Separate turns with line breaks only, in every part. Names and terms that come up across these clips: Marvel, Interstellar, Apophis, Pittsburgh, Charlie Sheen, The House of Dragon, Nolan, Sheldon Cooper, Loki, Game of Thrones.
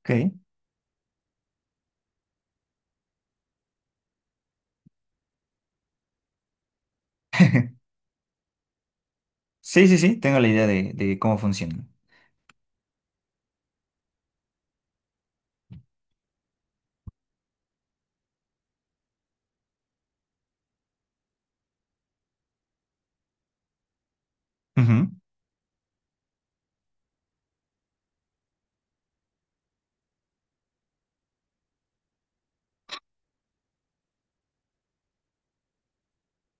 Ok. Sí, sí, sí, tengo la idea de, cómo funciona. Ujú.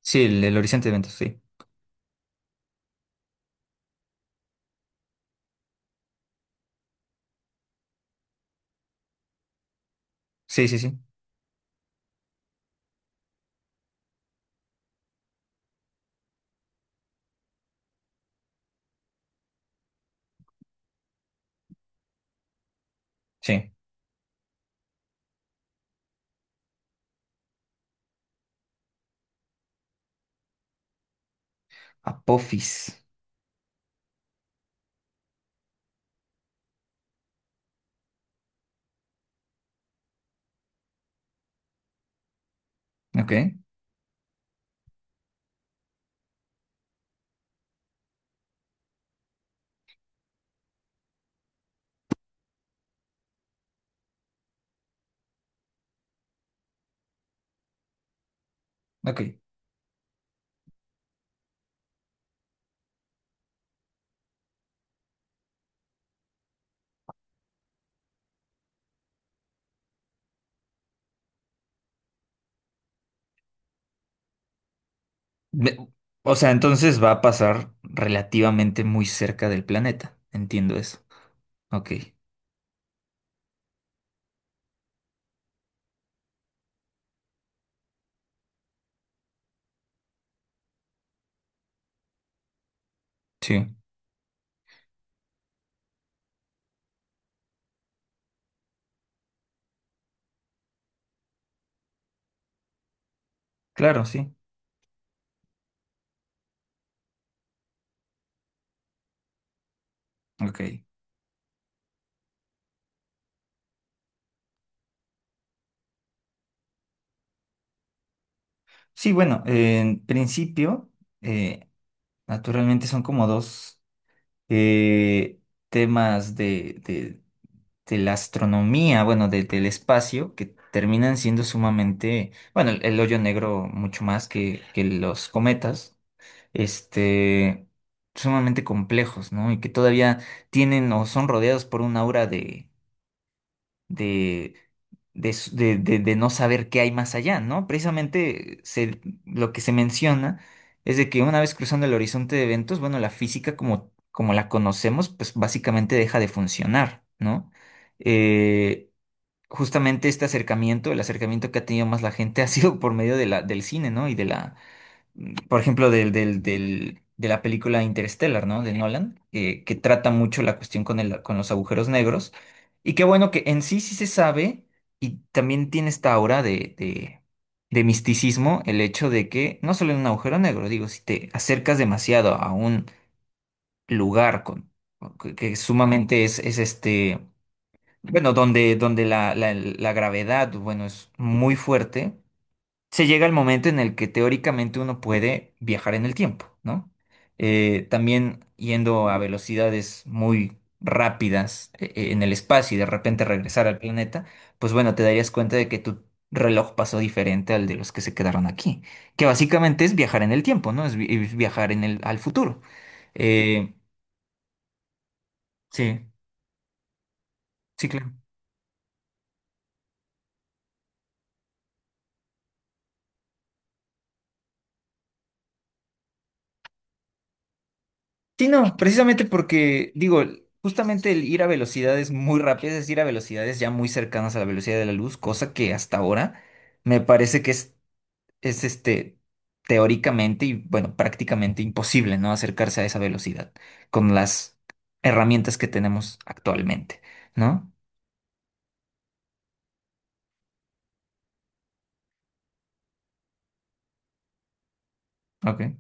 Sí, el horizonte de eventos, sí. Sí, sí, sí. Sí. Apophis. Ok, ok. Me- o sea, entonces va a pasar relativamente muy cerca del planeta. Entiendo eso. Ok. Sí. Claro, sí. Ok. Sí, bueno, en principio, eh, naturalmente son como dos eh, temas de, de la astronomía, bueno, del espacio, que terminan siendo sumamente, bueno, el hoyo negro mucho más que los cometas, este, sumamente complejos, ¿no? Y que todavía tienen o son rodeados por una aura de, de, de, de no saber qué hay más allá, ¿no? Precisamente lo que se menciona es de que una vez cruzando el horizonte de eventos, bueno, la física como, como la conocemos, pues básicamente deja de funcionar, ¿no? Eh, justamente este acercamiento, el acercamiento que ha tenido más la gente ha sido por medio de la, del cine, ¿no? Y de la, por ejemplo, de la película Interstellar, ¿no? De Nolan, que trata mucho la cuestión con el, con los agujeros negros. Y qué bueno que en sí sí se sabe y también tiene esta aura de, de misticismo el hecho de que no solo en un agujero negro, digo, si te acercas demasiado a un lugar con, que sumamente es este bueno, donde, donde la, la gravedad, bueno, es muy fuerte, se llega al momento en el que teóricamente uno puede viajar en el tiempo, ¿no? También yendo a velocidades muy rápidas en el espacio y de repente regresar al planeta, pues bueno, te darías cuenta de que tu reloj pasó diferente al de los que se quedaron aquí, que básicamente es viajar en el tiempo, ¿no? Es viajar en el, al futuro. Eh, sí, sí, claro. Sí, no, precisamente porque, digo, justamente el ir a velocidades muy rápidas es ir a velocidades ya muy cercanas a la velocidad de la luz, cosa que hasta ahora me parece que es este, teóricamente y bueno, prácticamente imposible, ¿no? Acercarse a esa velocidad con las herramientas que tenemos actualmente, ¿no? Ok.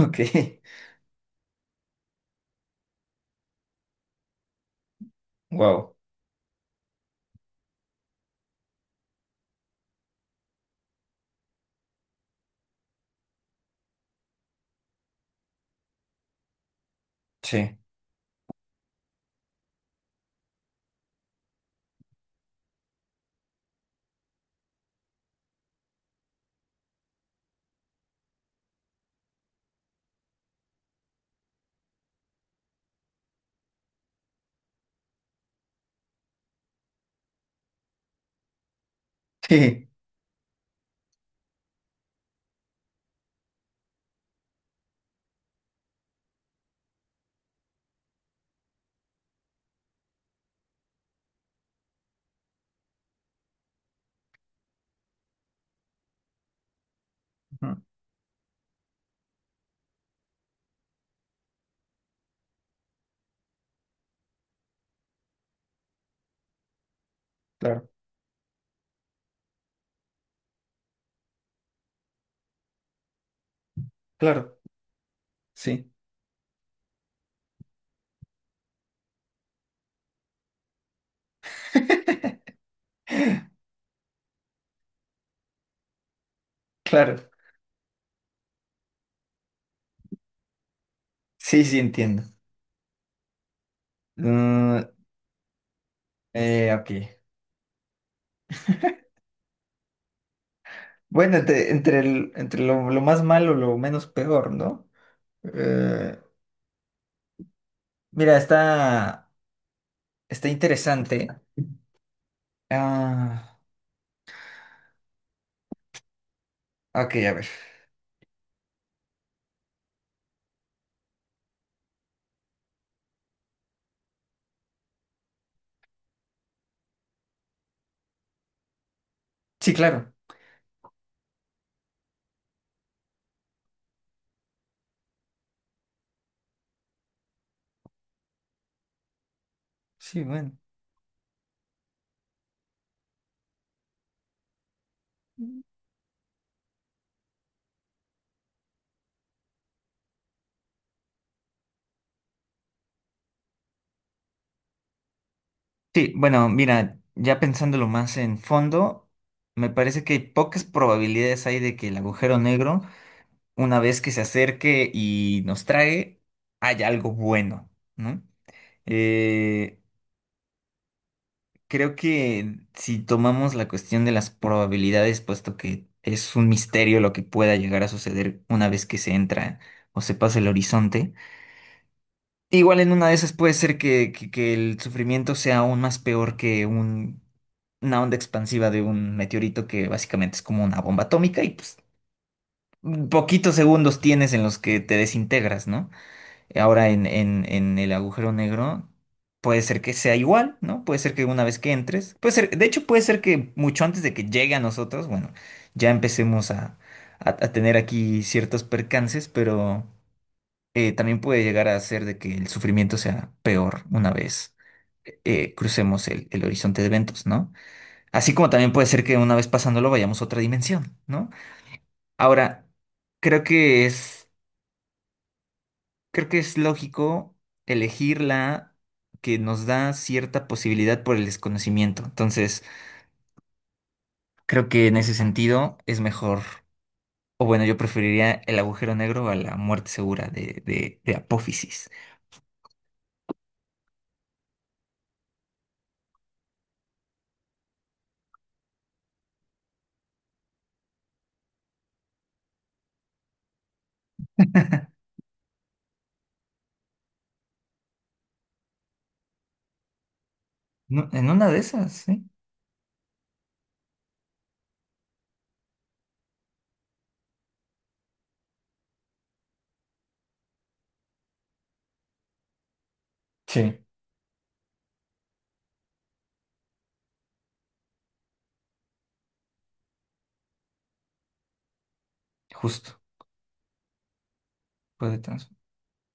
Ok. Wow. Sí. Sí. Ujú. Claro, claro. Sí, claro. Sí, sí entiendo. Mm, ok. Bueno, entre, entre, entre lo más malo, lo menos peor, ¿no? Eh, mira, está, está interesante. Ah, ok, a ver. Sí, claro. Sí, bueno. Sí, bueno, mira, ya pensándolo más en fondo, me parece que pocas probabilidades hay de que el agujero negro, una vez que se acerque y nos trae, haya algo bueno, ¿no? Eh, creo que si tomamos la cuestión de las probabilidades, puesto que es un misterio lo que pueda llegar a suceder una vez que se entra o se pasa el horizonte, igual en una de esas puede ser que, que el sufrimiento sea aún más peor que una onda expansiva de un meteorito que básicamente es como una bomba atómica y pues poquitos segundos tienes en los que te desintegras, ¿no? Ahora en, en el agujero negro puede ser que sea igual, ¿no? Puede ser que una vez que entres, puede ser, de hecho puede ser que mucho antes de que llegue a nosotros, bueno, ya empecemos a, a tener aquí ciertos percances, pero también puede llegar a ser de que el sufrimiento sea peor una vez crucemos el horizonte de eventos, ¿no? Así como también puede ser que una vez pasándolo vayamos a otra dimensión, ¿no? Ahora, creo que es... Creo que es lógico elegir la que nos da cierta posibilidad por el desconocimiento. Entonces, creo que en ese sentido es mejor, o bueno, yo preferiría el agujero negro a la muerte segura de, de Apófisis. No, en una de esas, sí. Sí, justo. Puede trans-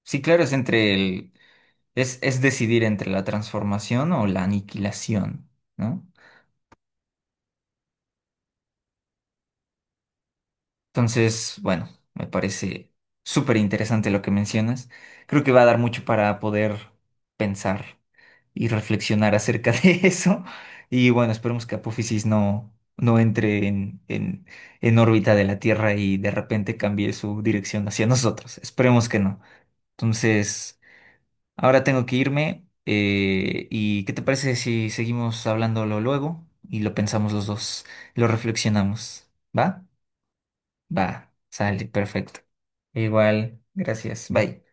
Sí, claro, es entre el... es decidir entre la transformación o la aniquilación, ¿no? Entonces, bueno, me parece súper interesante lo que mencionas. Creo que va a dar mucho para poder pensar y reflexionar acerca de eso. Y bueno, esperemos que Apófisis no, no entre en, en órbita de la Tierra y de repente cambie su dirección hacia nosotros. Esperemos que no. Entonces, ahora tengo que irme. ¿Y qué te parece si seguimos hablándolo luego y lo pensamos los dos, lo reflexionamos? ¿Va? Va, sale, perfecto. Igual, gracias. Bye.